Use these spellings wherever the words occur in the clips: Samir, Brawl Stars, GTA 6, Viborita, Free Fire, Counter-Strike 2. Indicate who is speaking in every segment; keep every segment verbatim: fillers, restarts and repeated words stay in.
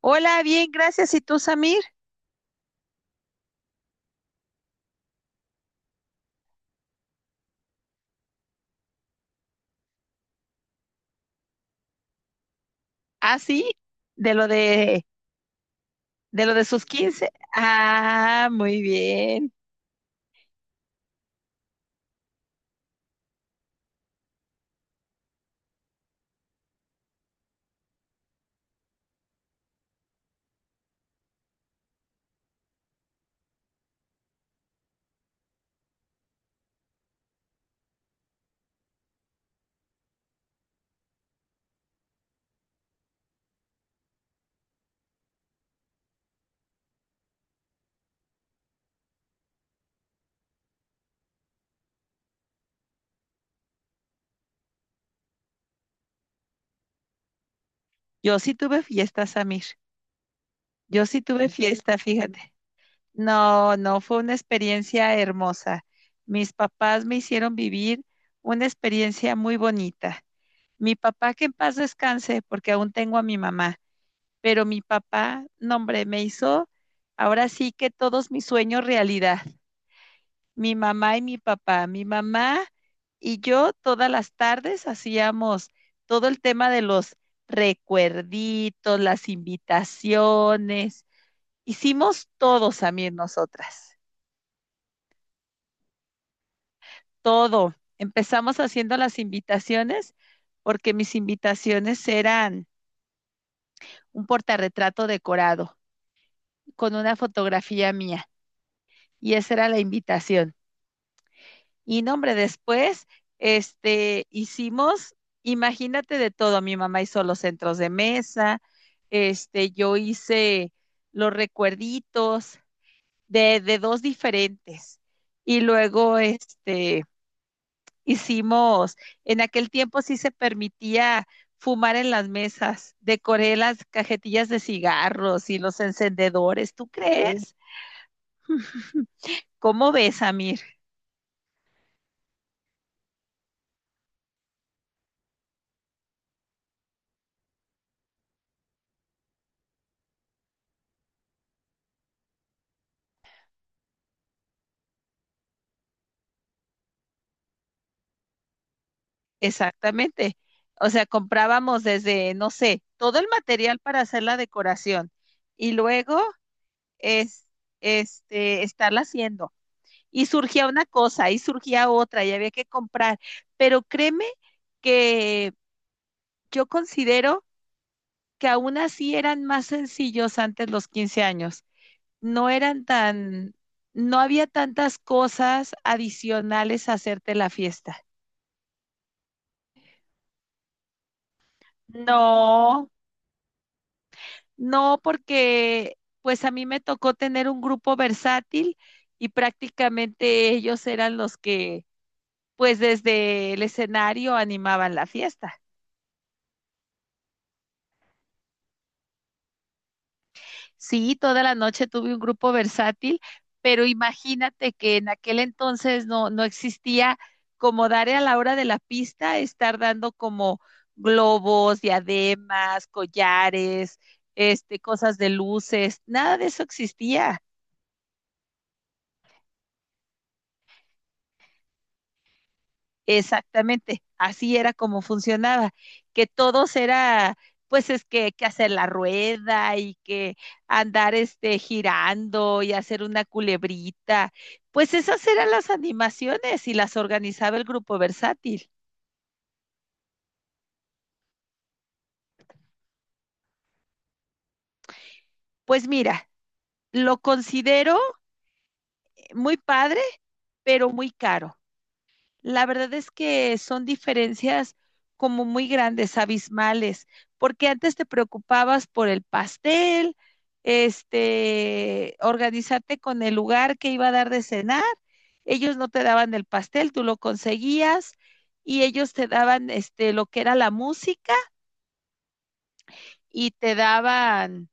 Speaker 1: Hola, bien, gracias. ¿Y tú, Samir? Ah, sí, de lo de, de lo de sus quince. Ah, muy bien. Yo sí tuve fiesta, Samir. Yo sí tuve fiesta, fíjate. No, no, fue una experiencia hermosa. Mis papás me hicieron vivir una experiencia muy bonita. Mi papá, que en paz descanse, porque aún tengo a mi mamá, pero mi papá, no, hombre, me hizo ahora sí que todos mis sueños realidad. Mi mamá y mi papá. Mi mamá y yo todas las tardes hacíamos todo el tema de los recuerditos, las invitaciones. Hicimos todo, Samir, nosotras, todo. Empezamos haciendo las invitaciones porque mis invitaciones eran un portarretrato decorado con una fotografía mía y esa era la invitación. Y no, hombre, después, este, hicimos, imagínate de todo, mi mamá hizo los centros de mesa, este, yo hice los recuerditos de, de dos diferentes. Y luego, este, hicimos, en aquel tiempo sí se permitía fumar en las mesas, decoré las cajetillas de cigarros y los encendedores, ¿tú Sí. crees? ¿Cómo ves, Amir? Exactamente. O sea, comprábamos desde, no sé, todo el material para hacer la decoración y luego es, este, estarla haciendo. Y surgía una cosa y surgía otra y había que comprar. Pero créeme que yo considero que aún así eran más sencillos antes los quince años. No eran tan, no había tantas cosas adicionales a hacerte la fiesta. No, no, porque pues a mí me tocó tener un grupo versátil y prácticamente ellos eran los que pues desde el escenario animaban la fiesta. Sí, toda la noche tuve un grupo versátil, pero imagínate que en aquel entonces no, no existía como dar a la hora de la pista, estar dando como globos, diademas, collares, este, cosas de luces, nada de eso existía. Exactamente, así era como funcionaba, que todos era, pues es que, que hacer la rueda y que andar este girando y hacer una culebrita, pues esas eran las animaciones y las organizaba el grupo versátil. Pues mira, lo considero muy padre, pero muy caro. La verdad es que son diferencias como muy grandes, abismales, porque antes te preocupabas por el pastel, este, organizarte con el lugar que iba a dar de cenar. Ellos no te daban el pastel, tú lo conseguías y ellos te daban este lo que era la música y te daban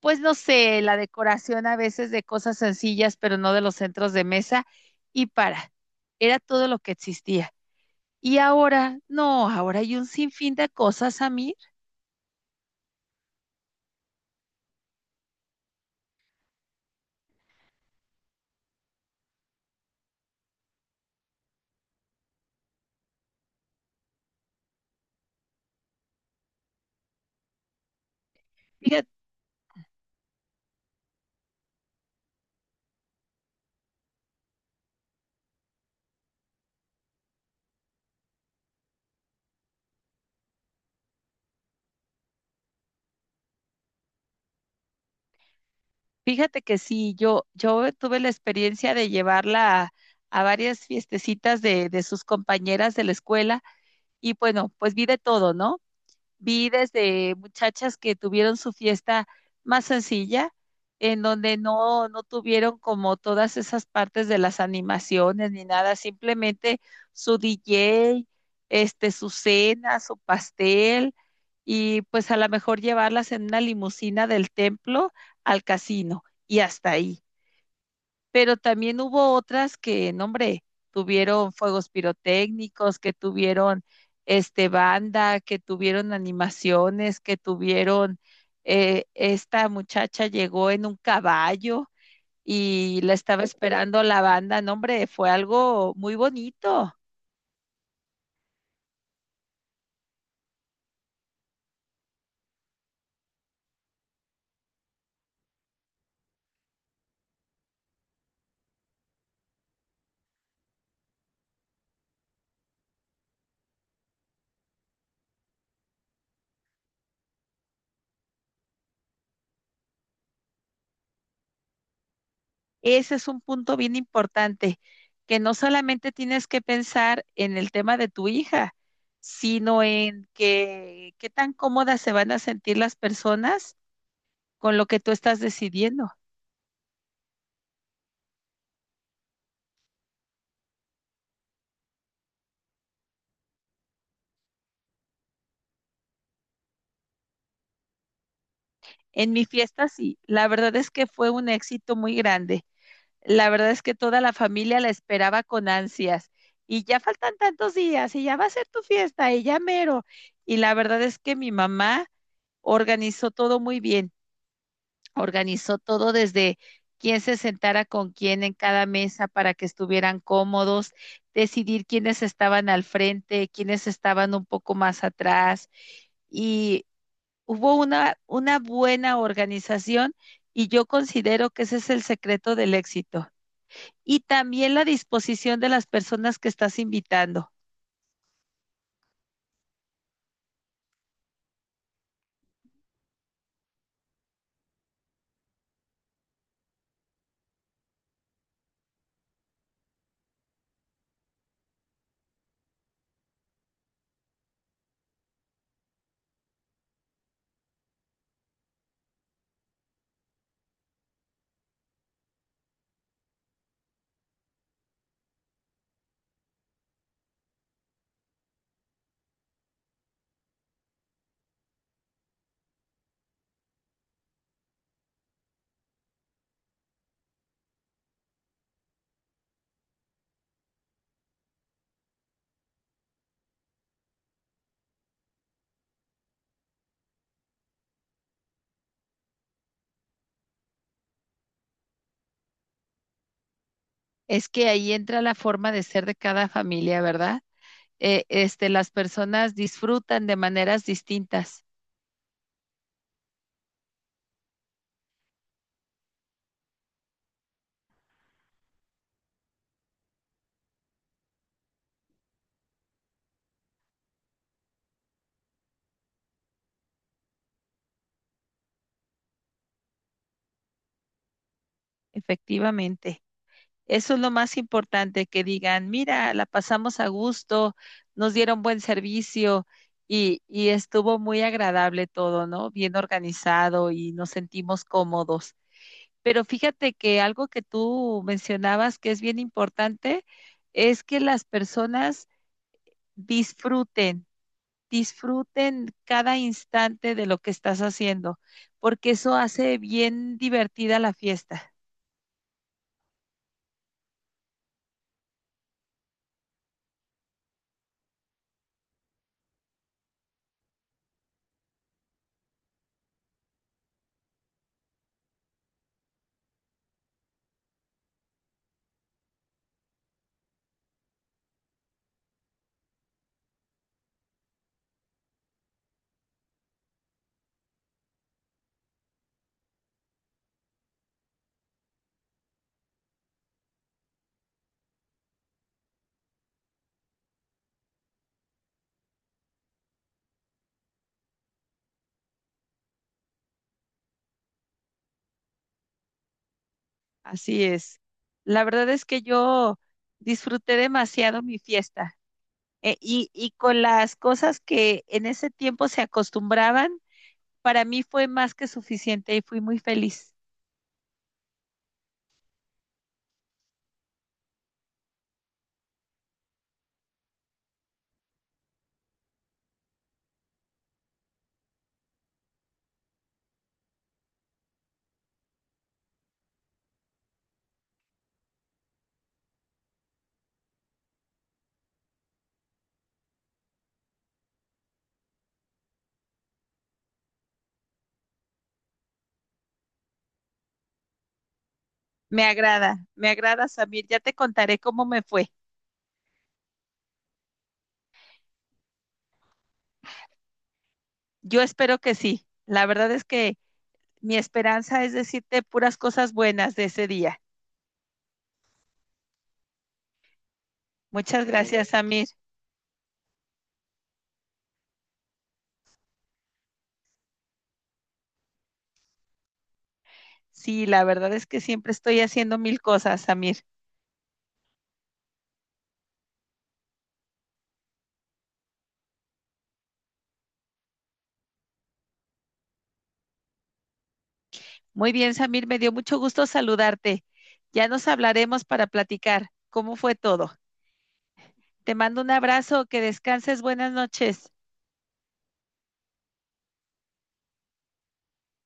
Speaker 1: pues no sé, la decoración a veces de cosas sencillas, pero no de los centros de mesa y para. Era todo lo que existía. Y ahora, no, ahora hay un sinfín de cosas, Samir. Fíjate, fíjate que sí, yo, yo tuve la experiencia de llevarla a, a varias fiestecitas de, de sus compañeras de la escuela y bueno, pues vi de todo, ¿no? Vi desde muchachas que tuvieron su fiesta más sencilla, en donde no, no tuvieron como todas esas partes de las animaciones ni nada, simplemente su D J, este, su cena, su pastel, y pues a lo mejor llevarlas en una limusina del templo al casino y hasta ahí pero también hubo otras que, no, hombre, tuvieron fuegos pirotécnicos, que tuvieron este banda, que tuvieron animaciones, que tuvieron eh, esta muchacha llegó en un caballo y la estaba esperando la banda, no, hombre, fue algo muy bonito. Ese es un punto bien importante, que no solamente tienes que pensar en el tema de tu hija, sino en que, qué tan cómodas se van a sentir las personas con lo que tú estás decidiendo. En mi fiesta sí, la verdad es que fue un éxito muy grande. La verdad es que toda la familia la esperaba con ansias. Y ya faltan tantos días y ya va a ser tu fiesta y ya mero. Y la verdad es que mi mamá organizó todo muy bien, organizó todo desde quién se sentara con quién en cada mesa para que estuvieran cómodos, decidir quiénes estaban al frente, quiénes estaban un poco más atrás. Y hubo una, una buena organización y yo considero que ese es el secreto del éxito. Y también la disposición de las personas que estás invitando. Es que ahí entra la forma de ser de cada familia, ¿verdad? Eh, este, las personas disfrutan de maneras distintas, efectivamente. Eso es lo más importante, que digan, mira, la pasamos a gusto, nos dieron buen servicio y, y estuvo muy agradable todo, ¿no? Bien organizado y nos sentimos cómodos. Pero fíjate que algo que tú mencionabas que es bien importante es que las personas disfruten, disfruten cada instante de lo que estás haciendo, porque eso hace bien divertida la fiesta. Así es. La verdad es que yo disfruté demasiado mi fiesta eh, y, y con las cosas que en ese tiempo se acostumbraban, para mí fue más que suficiente y fui muy feliz. Me agrada, me agrada, Samir. Ya te contaré cómo me fue. Yo espero que sí. La verdad es que mi esperanza es decirte puras cosas buenas de ese día. Muchas gracias, Samir. Sí, la verdad es que siempre estoy haciendo mil cosas, Samir. Muy bien, Samir, me dio mucho gusto saludarte. Ya nos hablaremos para platicar cómo fue todo. Te mando un abrazo, que descanses, buenas noches.